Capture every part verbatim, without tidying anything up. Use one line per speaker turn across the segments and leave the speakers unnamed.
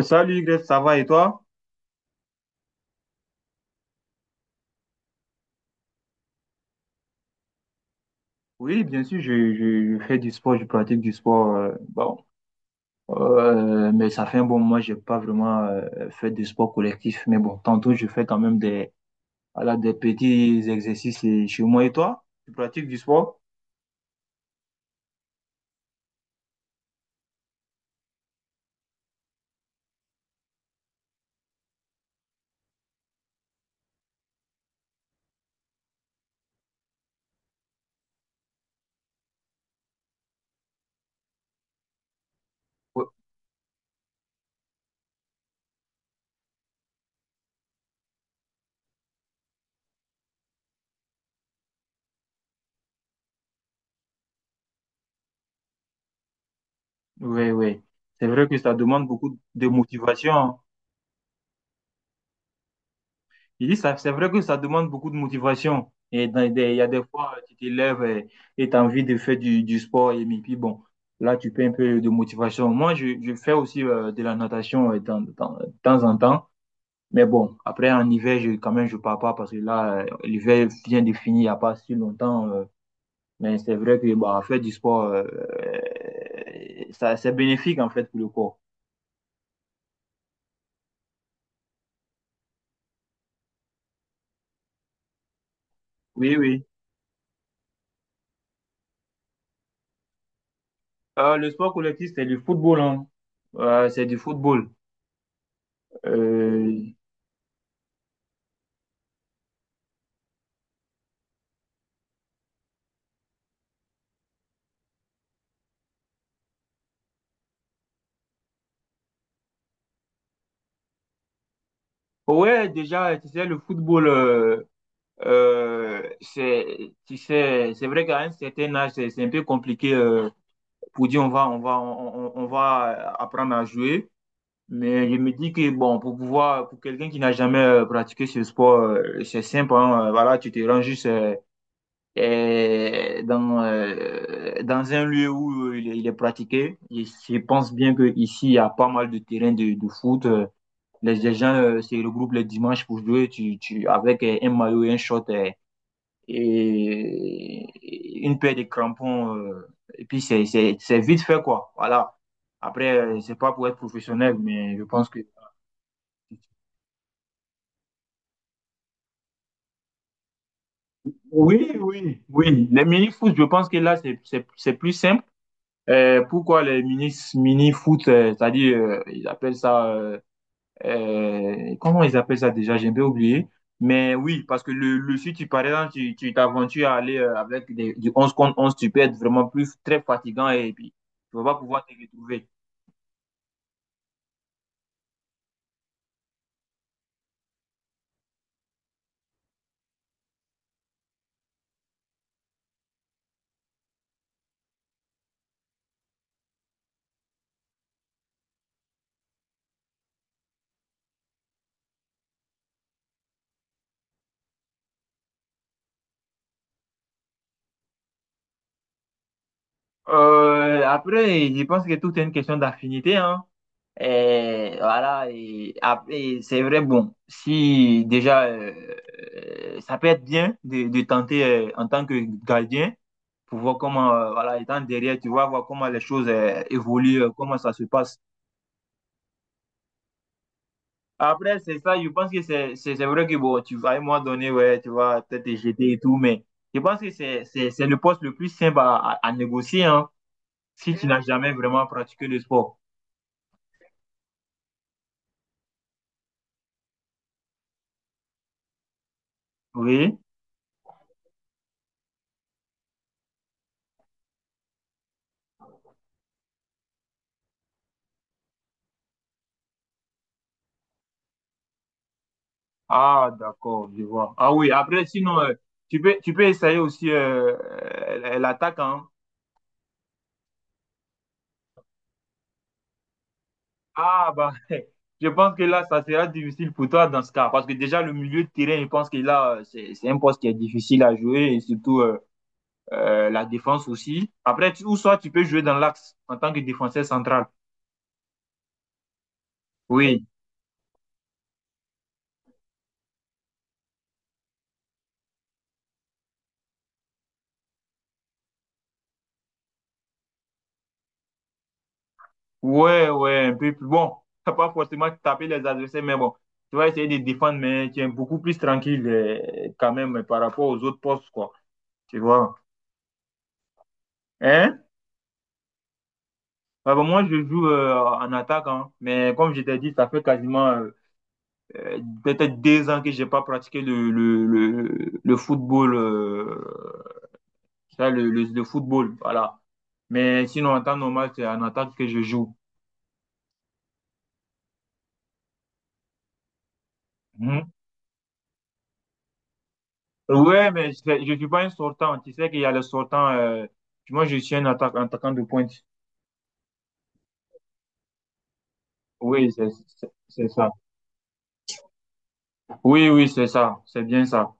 Salut Greg, ça va et toi? Oui, bien sûr, je, je, je fais du sport, je pratique du sport. Euh, bon, euh, mais ça fait un bon moment, j'ai pas vraiment euh, fait de sport collectif. Mais bon, tantôt, je fais quand même des, voilà, des petits exercices et- chez moi. Et toi? Tu pratiques du sport? Oui, oui. Oui. C'est vrai que ça demande beaucoup de motivation, hein. Je dis, ça, c'est vrai que ça demande beaucoup de motivation. Et dans des- il y a des fois, euh, tu te lèves euh, et tu as envie de faire du, du sport. Et mais puis, bon, là, tu peux un peu de motivation. Moi, je, je fais aussi euh, de la natation euh, dans- dans- de temps en temps. Mais bon, après, en hiver, je, quand même, je pars pas parce que là, euh, l'hiver vient de finir il n'y a pas si longtemps. euh. Mais c'est vrai que bah, faire du sport, euh, euh, ça, c'est bénéfique, en fait, pour le corps. Oui, oui. Euh, le sport collectif, c'est du football, hein. Euh, c'est du football. Euh, Ouais, déjà, tu sais, le football, euh, euh, c'est, tu sais, c'est vrai qu'à un certain âge, c'est c'est un peu compliqué euh, pour dire on va, on va, on, on- on va apprendre à jouer. Mais je me dis que bon, pour pouvoir, pour quelqu'un qui n'a jamais euh, pratiqué ce sport, euh, c'est simple, hein. Voilà, tu te rends juste euh, euh, dans euh, dans un lieu où il est, il est pratiqué. Et je pense bien que ici, il y a pas mal de terrains de, de foot. euh, les, les gens euh, se regroupent le dimanche pour jouer tu, tu, avec euh, un maillot et un short euh, et une paire de crampons. Euh, et puis, c'est, c'est, c'est vite fait, quoi. Voilà. Après, euh, c'est pas pour être professionnel, mais je pense que. Oui, oui, oui. Les mini-foot, je pense que là, c'est, c'est, c'est plus simple. Euh, pourquoi les mini, mini-foot, euh, c'est-à-dire, euh, ils appellent ça. Euh, Euh, comment ils appellent ça déjà? J'ai un peu oublié. Mais oui, parce que le, le si tu, par exemple, tu, tu t'aventures à aller euh, avec des, du onze contre onze tu peux être vraiment plus très fatigant et puis tu vas pas pouvoir te retrouver. Euh, après, je pense que tout est une question d'affinité, hein. Et voilà, et après, c'est vrai, bon, si déjà, euh, euh, ça peut être bien de, de tenter euh, en tant que gardien pour voir comment, euh, voilà, étant derrière, tu vois, voir comment les choses euh, évoluent, euh, comment ça se passe. Après, c'est ça, je pense que c'est c'est- c'est vrai que bon, tu vas à un moment donné, ouais, tu vas peut-être te jeter et tout, mais je pense que c'est c'est- c'est le poste le plus simple à, à- à négocier, hein, si tu n'as jamais vraiment pratiqué le sport. Oui? Ah, d'accord, je vois. Ah oui, après, sinon, euh, tu peux, tu peux essayer aussi euh, euh, l'attaque, hein. Ah, bah, je pense que là, ça sera difficile pour toi dans ce cas, parce que déjà, le milieu de terrain, je pense que là, euh, c'est c'est un poste qui est difficile à jouer, et surtout. Euh, euh, la défense aussi. Après, tu- ou soit tu peux jouer dans l'axe en tant que défenseur central. Oui, ouais, ouais, un peu plus. Bon, t'as pas forcément taper les adversaires, mais bon, tu vas essayer de défendre, mais tu es beaucoup plus tranquille euh, quand même euh, par rapport aux autres postes, quoi. Tu vois. Hein? Bah, bah, moi, je joue euh, en attaque, hein. Mais comme je t'ai dit, ça fait quasiment euh, euh, peut-être deux ans que j'ai pas pratiqué le, le, le, le football. euh, Ça, le, le, le football, voilà. Mais sinon, en temps normal, c'est en attaque que je joue. Mhm. Ouais, mais c'est- je suis pas un sortant. Tu sais qu'il y a le sortant. Euh, moi, je suis un atta- attaquant de pointe. Oui, c'est c'est- c'est ça. Oui, oui, c'est ça. C'est bien ça.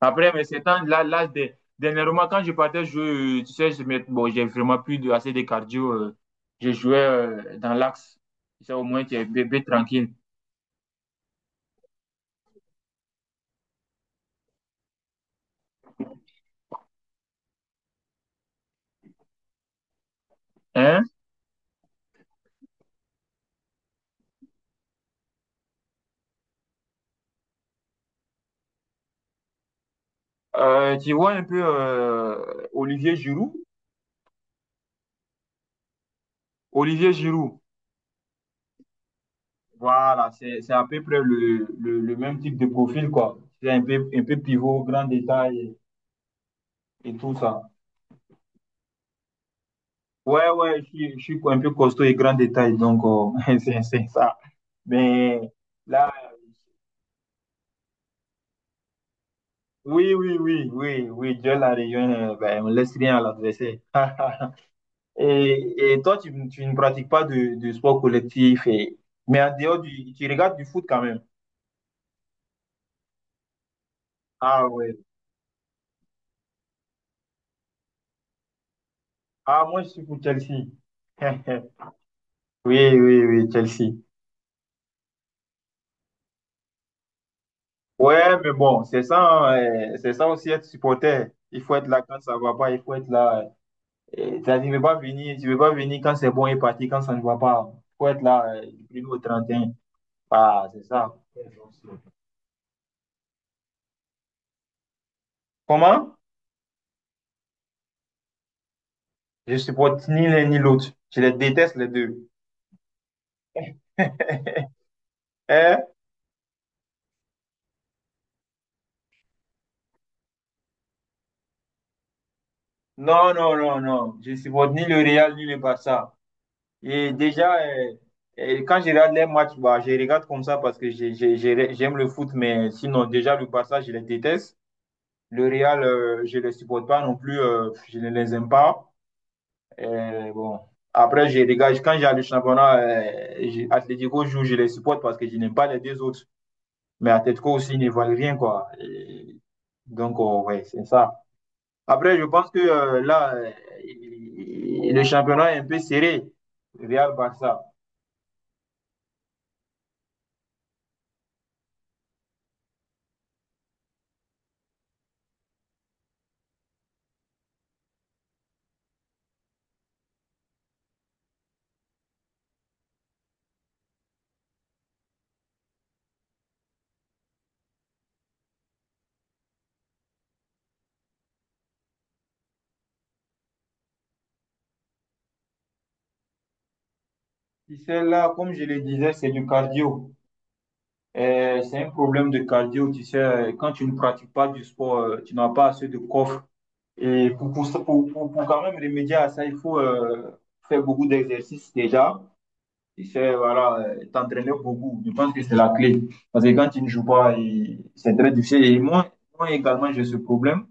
Après, mais ces temps-là, là, dé- dernièrement, quand je partais jouer, euh, tu sais, je mets- bon, j'ai vraiment plus de, assez de cardio. Euh, je jouais euh, dans l'axe. Tu sais, au moins, tu es bébé tranquille. Hein? Euh, tu vois un peu euh, Olivier Giroud? Olivier Giroud, voilà, c'est c'est à peu près le, le, le même type de profil, quoi. C'est un peu, un peu pivot, grand détail et, et tout ça. Ouais, ouais, je suis, je suis un peu costaud et grand détail, donc euh, c'est c'est ça. Mais là, oui, oui, oui, oui, oui, Dieu la réunion, euh, ben, on laisse rien à l'adversaire. Et, et toi, tu, tu ne pratiques pas de, de sport collectif, et, mais en dehors du, tu regardes du foot quand même. Ah ouais. Ah, moi, je suis pour Chelsea. Oui, oui, oui, Chelsea. Ouais, mais bon, c'est ça, hein, euh, c'est ça aussi être supporter. Il faut être là quand ça va pas, il faut être là. Euh, t'as dit, tu ne veux pas venir, tu veux pas venir quand c'est bon et partir quand ça ne va pas. Il faut être là euh, du premier au trente et un. Ah, c'est ça. Comment? Je supporte ni l'un ni l'autre. Je les déteste les deux. Hein? Non, non, non, non. Je supporte ni le Real ni le Barça. Et déjà, euh, euh, quand je regarde les matchs, bah, je regarde comme ça parce que j'ai- j'ai- j'ai- j'aime le foot, mais sinon, déjà, le Barça, je les déteste. Le Real, euh, je ne les supporte pas non plus, euh, je ne les aime pas. Euh, bon. Après, je regarde, quand j'ai le championnat, euh, j'ai- Atlético joue, je les supporte parce que je n'aime pas les deux autres. Mais Atlético aussi ils ne valent rien, quoi. Et donc, euh, ouais, c'est ça. Après, je pense que euh, là, euh, le championnat est un peu serré, Real-Barça. Tu sais, là, comme je le disais, c'est du cardio. Euh, c'est un problème de cardio. Tu sais, euh, quand tu ne pratiques pas du sport, euh, tu n'as pas assez de coffre. Et pour, pour, ça- pour, pour, pour quand même remédier à ça, il faut euh, faire beaucoup d'exercices déjà. Tu sais, voilà, euh, t'entraîner beaucoup. Je pense que c'est la clé. Parce que quand tu ne joues pas, et c'est très difficile. Et moi, moi également, j'ai ce problème.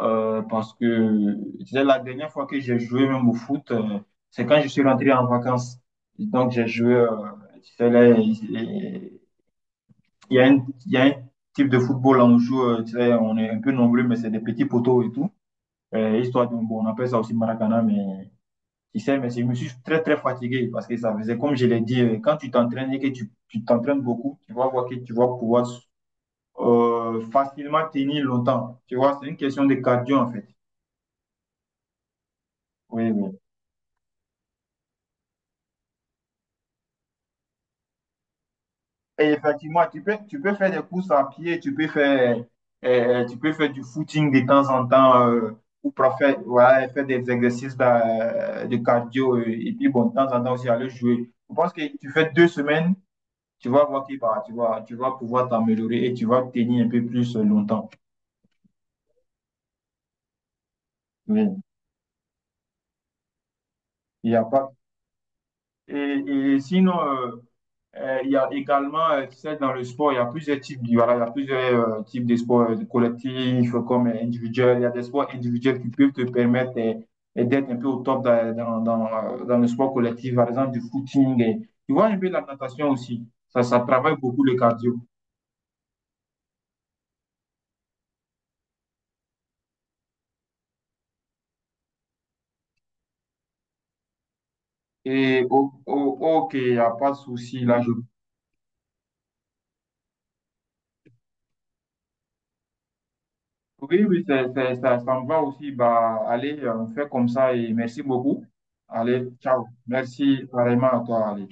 Euh, parce que tu sais, la dernière fois que j'ai joué même au foot, euh, c'est quand je suis rentré en vacances. Et donc j'ai joué, euh, tu sais, là, il il y a un, il y a un type de football là, on joue, euh, tu sais, on est un peu nombreux, mais c'est des petits poteaux et tout. Euh, histoire de, bon, on appelle ça aussi Maracana, mais tu sais, mais c'est- je me suis très très fatigué parce que ça faisait, comme je l'ai dit, euh, quand tu t'entraînes et que tu tu t'entraînes beaucoup, tu vas voir que tu vas pouvoir euh, facilement tenir longtemps. Tu vois, c'est une question de cardio en fait. Oui, oui. Et effectivement, tu peux, tu peux faire des courses à pied, tu peux faire, euh, tu peux faire du footing de temps en temps euh, ou pour faire, voilà, faire des exercices de, de cardio euh, et puis bon, de temps en temps aussi aller jouer. Je pense que tu fais deux semaines, tu vas voir qui va, tu vas, tu vas pouvoir t'améliorer et tu vas tenir un peu plus euh, longtemps. Oui. Il y a pas... Et, et sinon, euh, Euh, il y a également, euh, tu sais, dans le sport, il y a plusieurs types, voilà, il y a plusieurs euh, types de sports euh, collectifs comme euh, individuels. Il y a des sports individuels qui peuvent te permettre euh, d'être un peu au top dans, dans, dans, euh, dans le sport collectif, par exemple du footing. Et, tu vois un peu la natation aussi. Ça, ça travaille beaucoup le cardio. Et o- o- ok, il n'y a pas de souci là. Je... Oui, oui, c'est, c'est- ça, ça me va aussi. Bah, allez, euh, on fait comme ça et merci beaucoup. Allez, ciao. Merci vraiment à toi, allez.